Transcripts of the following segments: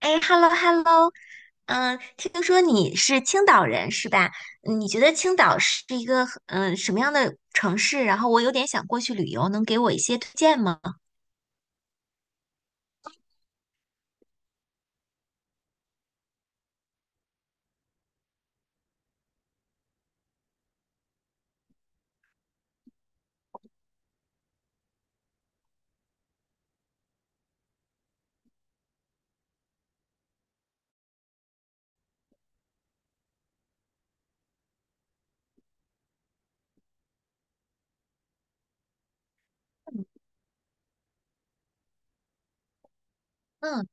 哎，hello hello，嗯，听说你是青岛人是吧？嗯，你觉得青岛是一个什么样的城市？然后我有点想过去旅游，能给我一些推荐吗？嗯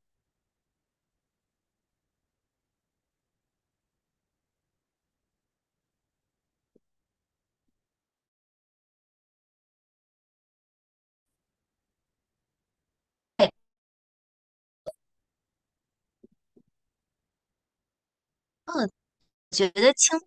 嗯，觉得青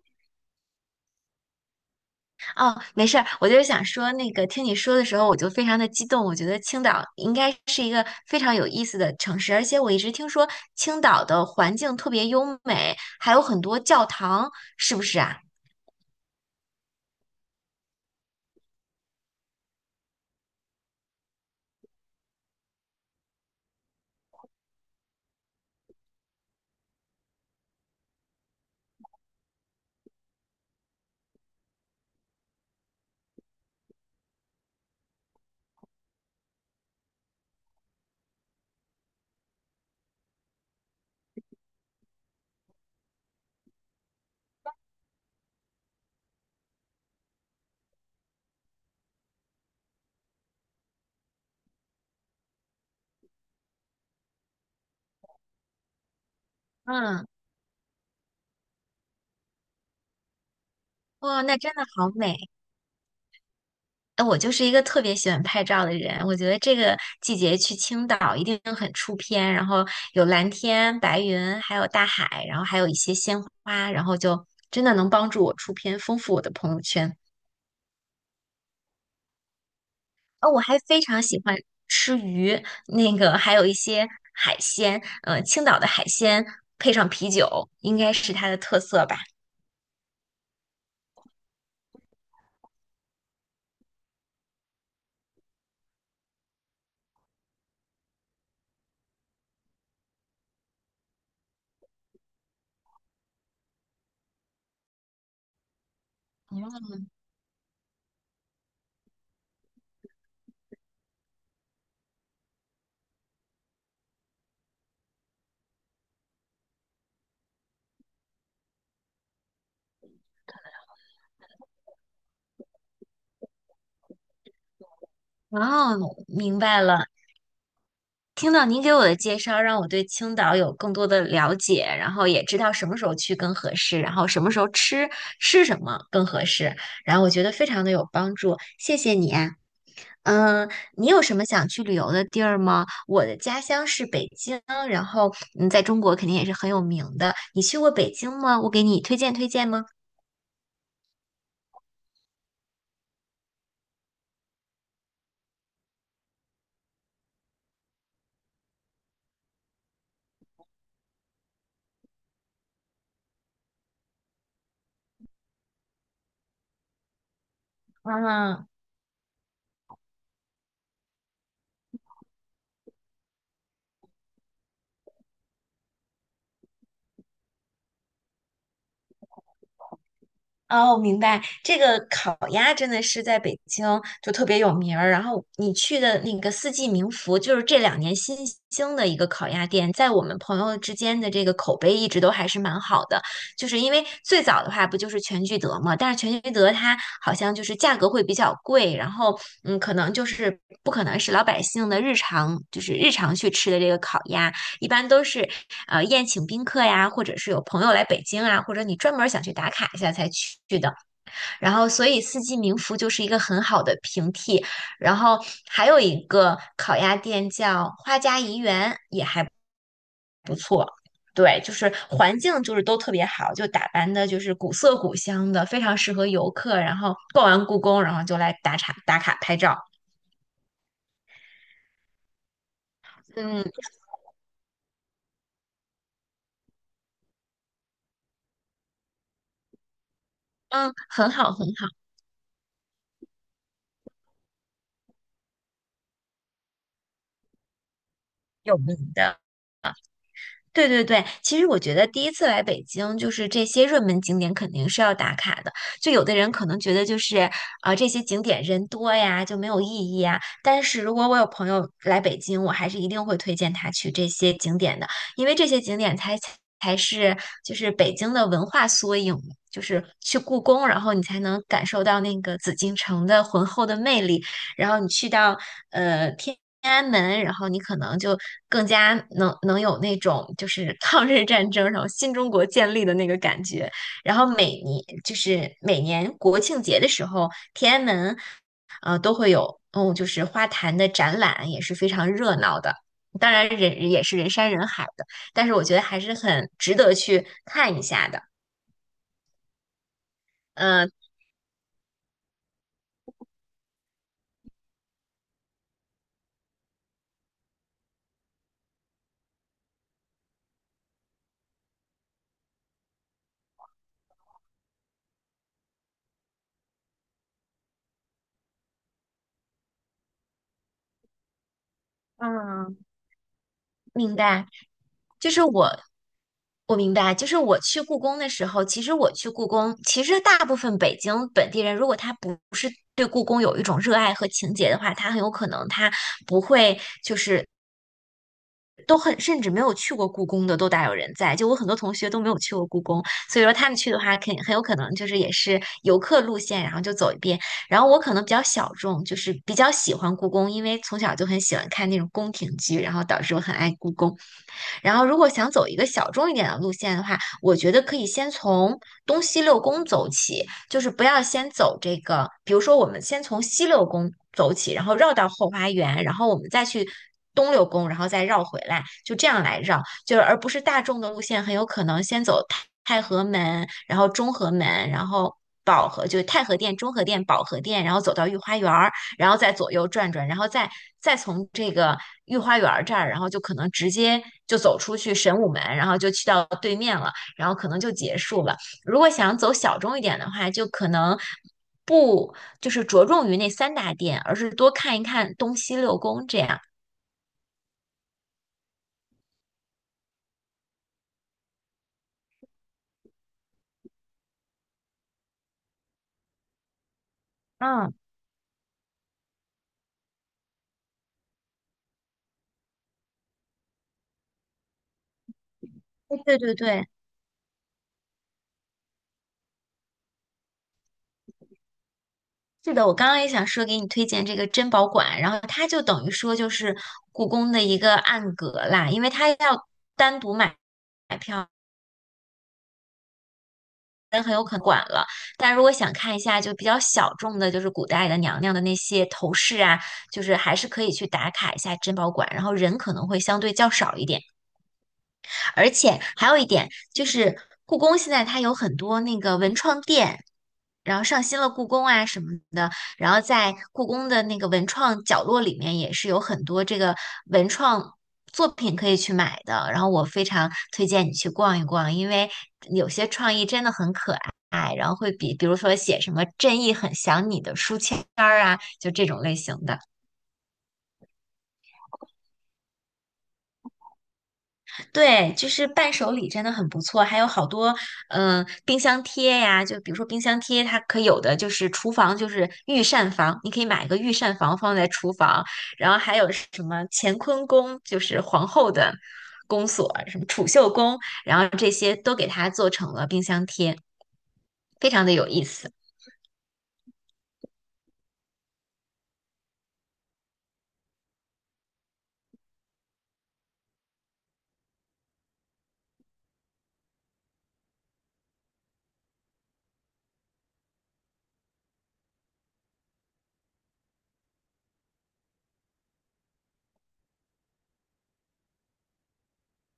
哦，没事儿，我就是想说那个，听你说的时候我就非常的激动，我觉得青岛应该是一个非常有意思的城市，而且我一直听说青岛的环境特别优美，还有很多教堂，是不是啊？嗯，哇，那真的好美。哎，我就是一个特别喜欢拍照的人，我觉得这个季节去青岛一定很出片，然后有蓝天、白云，还有大海，然后还有一些鲜花，然后就真的能帮助我出片，丰富我的朋友圈。哦，我还非常喜欢吃鱼，那个还有一些海鲜，青岛的海鲜配上啤酒，应该是它的特色吧。哦，明白了。听到您给我的介绍，让我对青岛有更多的了解，然后也知道什么时候去更合适，然后什么时候吃吃什么更合适，然后我觉得非常的有帮助，谢谢你啊。嗯，你有什么想去旅游的地儿吗？我的家乡是北京，然后在中国肯定也是很有名的。你去过北京吗？我给你推荐推荐吗？啊，哦，明白。这个烤鸭真的是在北京就特别有名儿。然后你去的那个四季民福，就是这两年新兴的一个烤鸭店，在我们朋友之间的这个口碑一直都还是蛮好的。就是因为最早的话不就是全聚德嘛，但是全聚德它好像就是价格会比较贵，然后可能就是不可能是老百姓的日常，就是日常去吃的这个烤鸭。一般都是宴请宾客呀，或者是有朋友来北京啊，或者你专门想去打卡一下才去的。然后，所以四季民福就是一个很好的平替。然后还有一个烤鸭店叫花家怡园。对，就是环境就是都特别好，就打扮的就是古色古香的，非常适合游客。然后逛完故宫，然后就来打卡打卡拍照。嗯嗯，很好很好，有名的。对对对，其实我觉得第一次来北京，就是这些热门景点肯定是要打卡的。就有的人可能觉得就是啊、这些景点人多呀，就没有意义啊。但是如果我有朋友来北京，我还是一定会推荐他去这些景点的，因为这些景点才是就是北京的文化缩影嘛。就是去故宫，然后你才能感受到那个紫禁城的浑厚的魅力。然后你去到天安门，然后你可能就更加能有那种就是抗日战争，然后新中国建立的那个感觉。然后每年就是每年国庆节的时候，天安门都会有就是花坛的展览，也是非常热闹的。当然人也是人山人海的，但是我觉得还是很值得去看一下的。呃，嗯，明白。就是我明白，就是我去故宫的时候，其实我去故宫，其实大部分北京本地人，如果他不是对故宫有一种热爱和情结的话，他很有可能他不会，就是都很，甚至没有去过故宫的都大有人在。就我很多同学都没有去过故宫，所以说他们去的话，肯很有可能就是也是游客路线，然后就走一遍。然后我可能比较小众，就是比较喜欢故宫，因为从小就很喜欢看那种宫廷剧，然后导致我很爱故宫。然后，如果想走一个小众一点的路线的话，我觉得可以先从东西六宫走起，就是不要先走这个，比如说我们先从西六宫走起，然后绕到后花园，然后我们再去东六宫，然后再绕回来，就这样来绕，就是而不是大众的路线，很有可能先走太和门，然后中和门，然后。保和就是太和殿、中和殿、保和殿，然后走到御花园儿，然后再左右转转，然后再从这个御花园这儿，然后就可能直接就走出去神武门，然后就去到对面了，然后可能就结束了。如果想走小众一点的话，就可能不就是着重于那三大殿，而是多看一看东西六宫这样。嗯，对对对。是的，我刚刚也想说给你推荐这个珍宝馆，然后它就等于说就是故宫的一个暗格啦，因为它要单独买。买票。人很有可能管了。但如果想看一下就比较小众的，就是古代的娘娘的那些头饰啊，就是还是可以去打卡一下珍宝馆，然后人可能会相对较少一点。而且还有一点就是，故宫现在它有很多那个文创店，然后上新了故宫啊什么的，然后在故宫的那个文创角落里面也是有很多这个文创作品可以去买的。然后我非常推荐你去逛一逛，因为有些创意真的很可爱，然后会比如说写什么“正义很想你”的书签儿啊，就这种类型的。对，就是伴手礼真的很不错，还有好多冰箱贴呀，就比如说冰箱贴，它可有的就是厨房就是御膳房，你可以买一个御膳房放在厨房，然后还有什么乾坤宫，就是皇后的宫锁，什么储秀宫，然后这些都给它做成了冰箱贴，非常的有意思。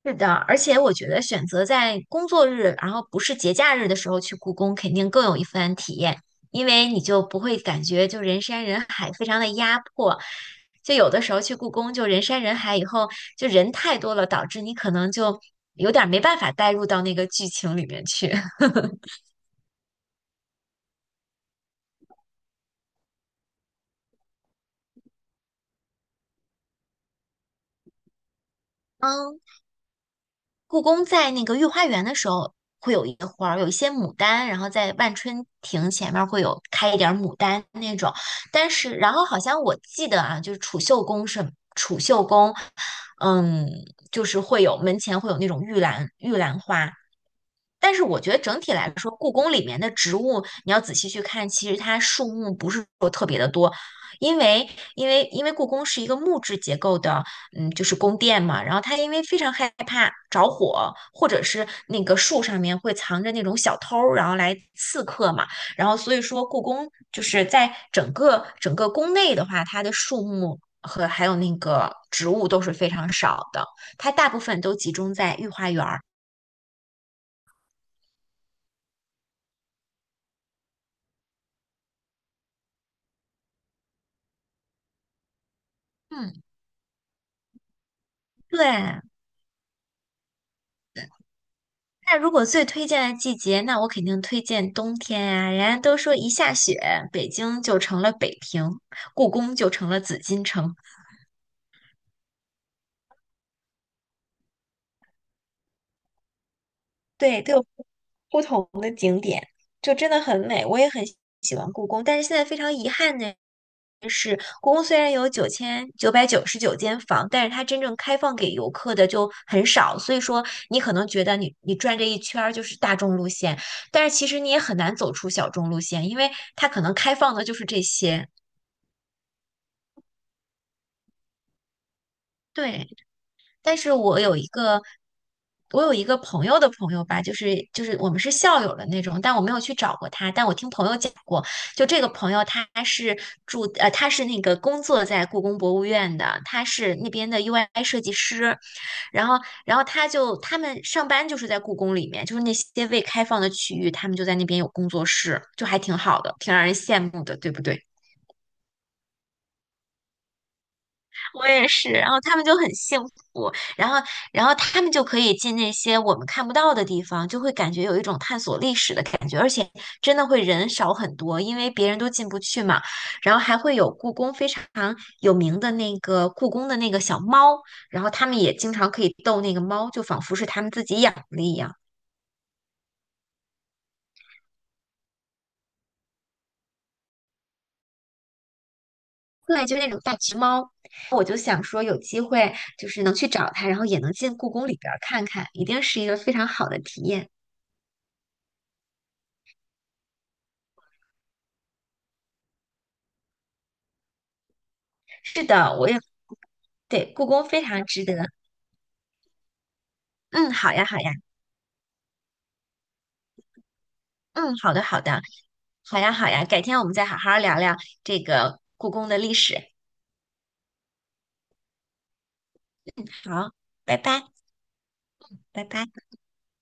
是的，而且我觉得选择在工作日，然后不是节假日的时候去故宫，肯定更有一番体验，因为你就不会感觉就人山人海，非常的压迫。就有的时候去故宫，就人山人海，以后就人太多了，导致你可能就有点儿没办法带入到那个剧情里面去。嗯，故宫在那个御花园的时候会有一个花儿，有一些牡丹，然后在万春亭前面会有开一点儿牡丹那种。但是，然后好像我记得啊，就是储秀宫是储秀宫，嗯，就是会有门前会有那种玉兰花，但是我觉得整体来说，故宫里面的植物，你要仔细去看，其实它树木不是说特别的多，因为故宫是一个木质结构的，就是宫殿嘛。然后它因为非常害怕着火，或者是那个树上面会藏着那种小偷儿然后来刺客嘛。然后所以说，故宫就是在整个整个宫内的话，它的树木和还有那个植物都是非常少的，它大部分都集中在御花园儿。嗯，对。那如果最推荐的季节，那我肯定推荐冬天呀、人家都说一下雪，北京就成了北平，故宫就成了紫禁城，对，都有不同，就真的很美。我也很喜欢故宫，但是现在非常遗憾呢，故宫虽然有9999间房，但是它真正开放给游客的就很少，所以说你可能觉得你转这一圈儿就是大众路线，但是其实你也很难走出小众路线，因为它可能开放的就是这些。对。但是我有一个，我有一个朋友的朋友吧，就是我们是校友的那种，但我没有去找过他，但我听朋友讲过，就这个朋友他是他是那个工作在故宫博物院的，他是那边的 UI 设计师，然后他就他们上班就是在故宫里面，就是那些未开放的区域，他们就在那边有工作室，就还挺好的，挺让人羡慕的，对不对？我也是，然后他们就很幸福，然后，他们就可以进那些我们看不到的地方，就会感觉有一种探索历史的感觉，而且真的会人少很多，因为别人都进不去嘛。然后还会有故宫非常有名的那个故宫的那个小猫，然后他们也经常可以逗那个猫，就仿佛是他们自己养的一样。对，就那种大橘猫，我就想说有机会就是能去找它，然后也能进故宫里边儿看看，一定是一个非常好的体验。是的，我也对故宫非常值得。嗯，好呀，好呀，嗯，好的，好的，好呀，好呀，改天我们再好好聊聊这个故宫的历史。好，拜拜，拜拜。